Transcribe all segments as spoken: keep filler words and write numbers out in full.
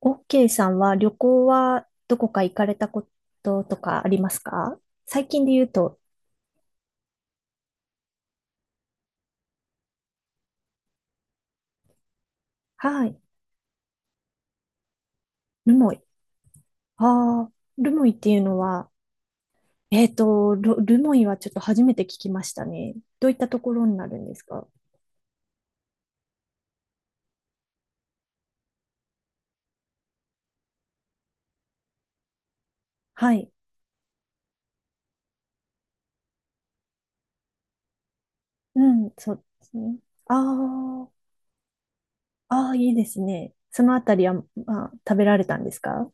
OK さんは旅行はどこか行かれたこととかありますか？最近で言うと、はい、ルモイ。ああ、ルモイっていうのは、えっと、ル、ルモイはちょっと初めて聞きましたね。どういったところになるんですか？はい。うん、そうですね。ああ、ああ、いいですね。そのあたりは、まあ、食べられたんですか？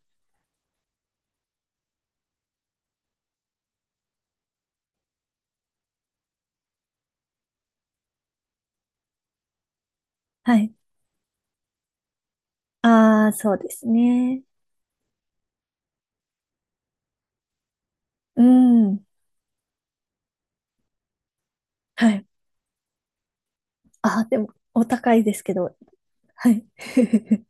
はい。ああ、そうですね。うん。はい。ああ、でも、お高いですけど、はい。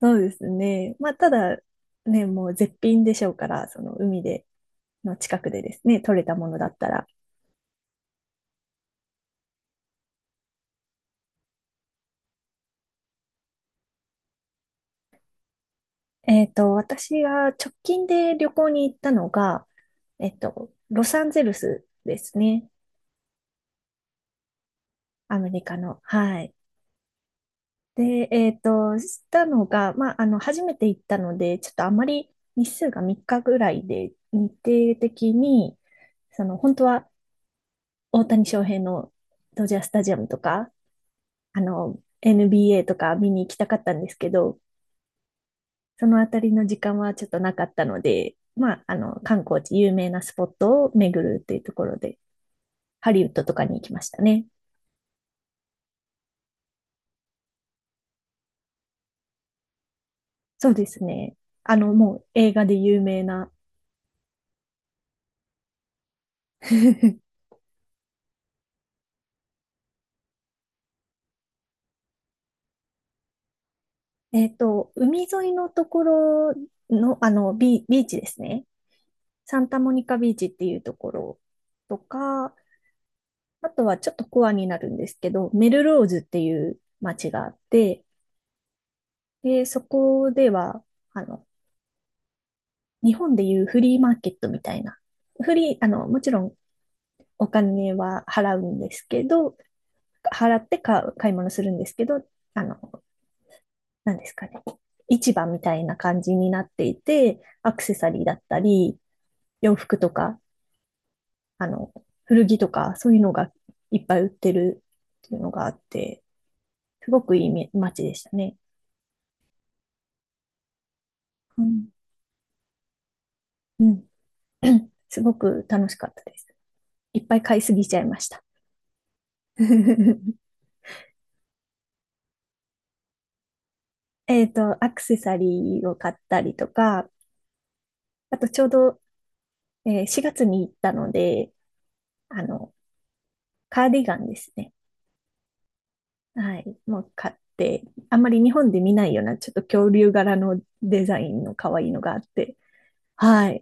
そうですね。まあ、ただ、ね、もう絶品でしょうから、その海で、の近くでですね、取れたものだったら。えっと、私が直近で旅行に行ったのが、えっと、ロサンゼルスですね。アメリカの。はい。で、えっと、したのが、まあ、あの、初めて行ったので、ちょっとあまり日数がみっかぐらいで、日程的に、その、本当は大谷翔平のドジャースタジアムとか、あの、エヌビーエー とか見に行きたかったんですけど、そのあたりの時間はちょっとなかったので、まあ、あの、観光地、有名なスポットを巡るっていうところで、ハリウッドとかに行きましたね。そうですね。あの、もう映画で有名な。 えっと、海沿いのところの、あの、ビ、ビーチですね。サンタモニカビーチっていうところとか、あとはちょっとコアになるんですけど、メルローズっていう街があって、で、そこでは、あの、日本でいうフリーマーケットみたいな。フリー、あの、もちろんお金は払うんですけど、払って買う、買い物するんですけど、あの、なんですかね。市場みたいな感じになっていて、アクセサリーだったり、洋服とか、あの、古着とか、そういうのがいっぱい売ってるっていうのがあって、すごくいいみ街でしたね。うん。うん。すごく楽しかったです。いっぱい買いすぎちゃいました。えっと、アクセサリーを買ったりとか、あとちょうど、えーしがつに行ったので、あの、カーディガンですね。はい。もう買って、あんまり日本で見ないような、ちょっと恐竜柄のデザインの可愛いのがあって、はい。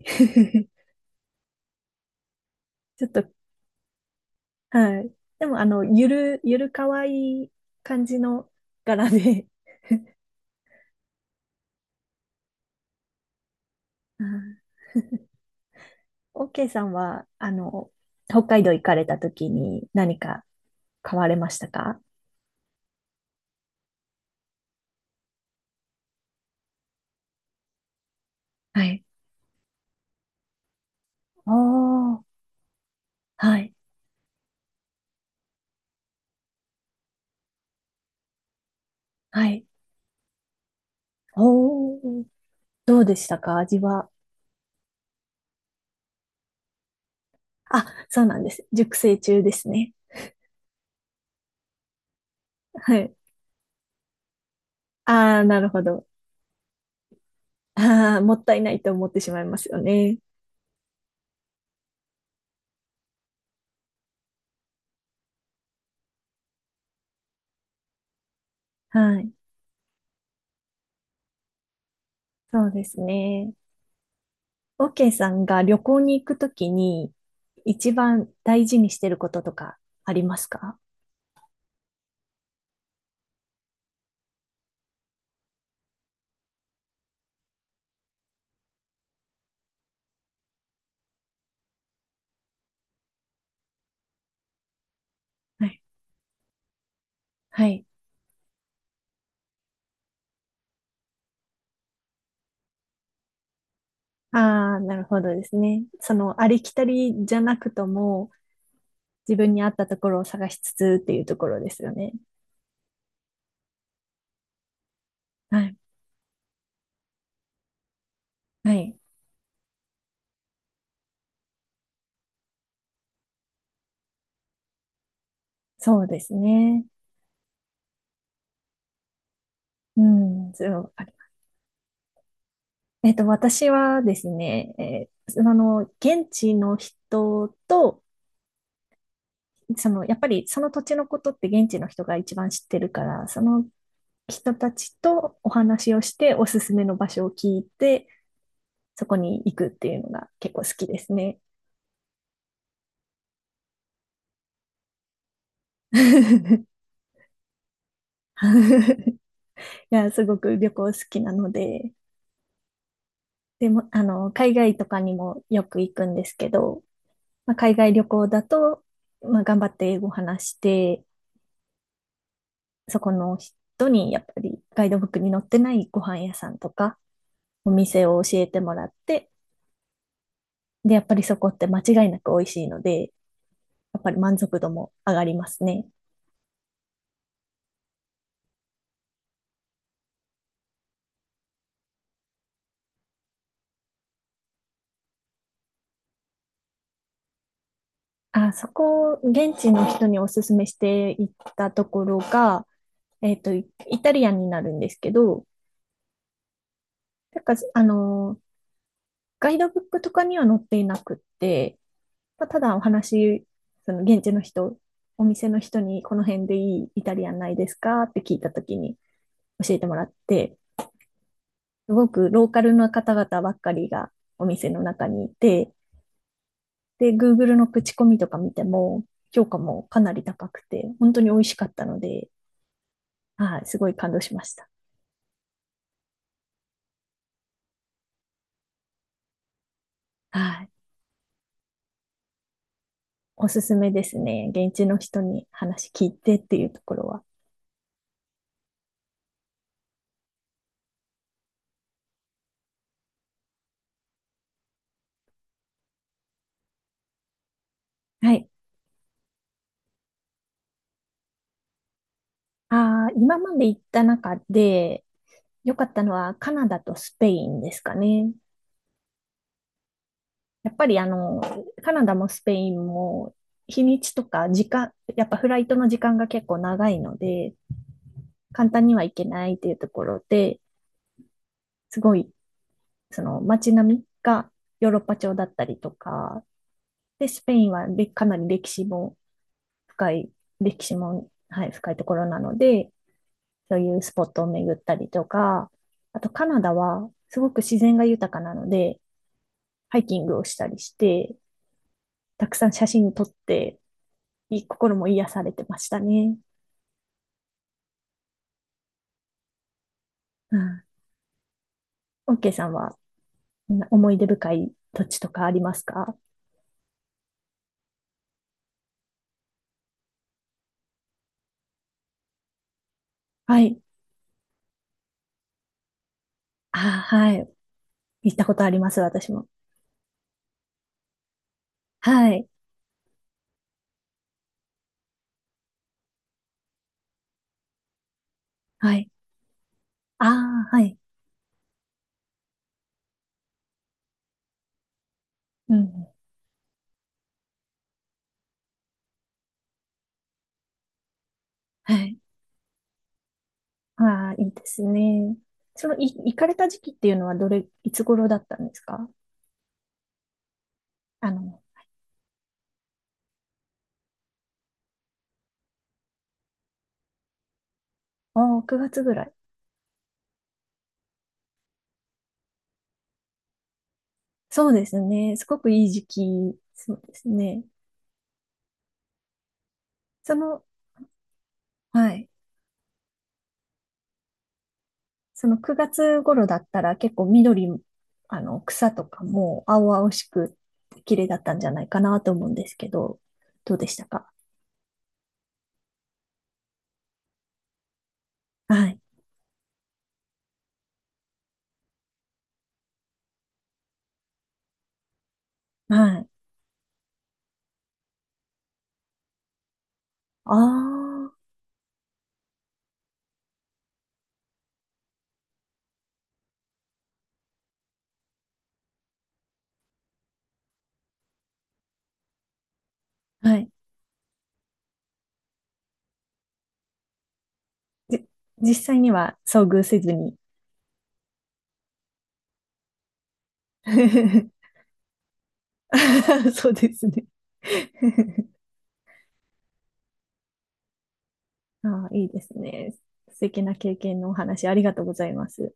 ちょっと、はい。でも、あの、ゆる、ゆる可愛い感じの柄で、うん。オーケーさんは、あの、北海道行かれた時に何か買われましたか？はい。ああ、はい。はい。おー。どうでしたか味は。あ、そうなんです。熟成中ですね。はい。ああ、なるほど。あー、もったいないと思ってしまいますよね。はい。そうですね。オーケーさんが旅行に行くときに一番大事にしてることとかありますか？はい。はい。ああ、なるほどですね。その、ありきたりじゃなくとも、自分に合ったところを探しつつっていうところですよね。はい。はい。そうですね。うん、そう、あり、えっと、私はですね、えーあの、現地の人と、その、やっぱりその土地のことって現地の人が一番知ってるから、その人たちとお話をして、おすすめの場所を聞いて、そこに行くっていうのが結構好きですね。いや、すごく旅行好きなので、でも、あの、海外とかにもよく行くんですけど、まあ、海外旅行だと、まあ、頑張って英語話して、そこの人にやっぱりガイドブックに載ってないご飯屋さんとかお店を教えてもらって、で、やっぱりそこって間違いなく美味しいので、やっぱり満足度も上がりますね。あ、そこ、現地の人におすすめしていったところが、えっと、イイタリアンになるんですけど、なんか、あの、ガイドブックとかには載っていなくって、まあ、ただお話、その現地の人、お店の人にこの辺でいいイタリアンないですかって聞いたときに、教えてもらって、すごくローカルの方々ばっかりがお店の中にいて、で、Google の口コミとか見ても、評価もかなり高くて、本当に美味しかったので、はい、すごい感動しました。はい。おすすめですね。現地の人に話聞いてっていうところは。はい。あー、今まで行った中で良かったのはカナダとスペインですかね。やっぱりあの、カナダもスペインも日にちとか時間、やっぱフライトの時間が結構長いので、簡単には行けないっていうところで、すごい、その街並みがヨーロッパ調だったりとか、で、スペインはでかなり歴史も深い、歴史も、はい、深いところなので、そういうスポットを巡ったりとか、あとカナダはすごく自然が豊かなので、ハイキングをしたりして、たくさん写真撮って、いい心も癒されてましたね。うん。オッケーさんは思い出深い土地とかありますか？はい。あ、はい。行ったことあります、私も。はい。はい。ああ、はい。うん。はい。ああ、いいですね。その、い、行かれた時期っていうのはどれ、いつ頃だったんですか？あの、ああ、くがつぐらい。そうですね。すごくいい時期。そうですね。その、はい。そのくがつ頃だったら結構緑、あの、草とかも青々しく綺麗だったんじゃないかなと思うんですけど、どうでしたか？はい。はい。ああ、はい。じ、実際には遭遇せずに。そうですね。ああ、いいですね。素敵な経験のお話ありがとうございます。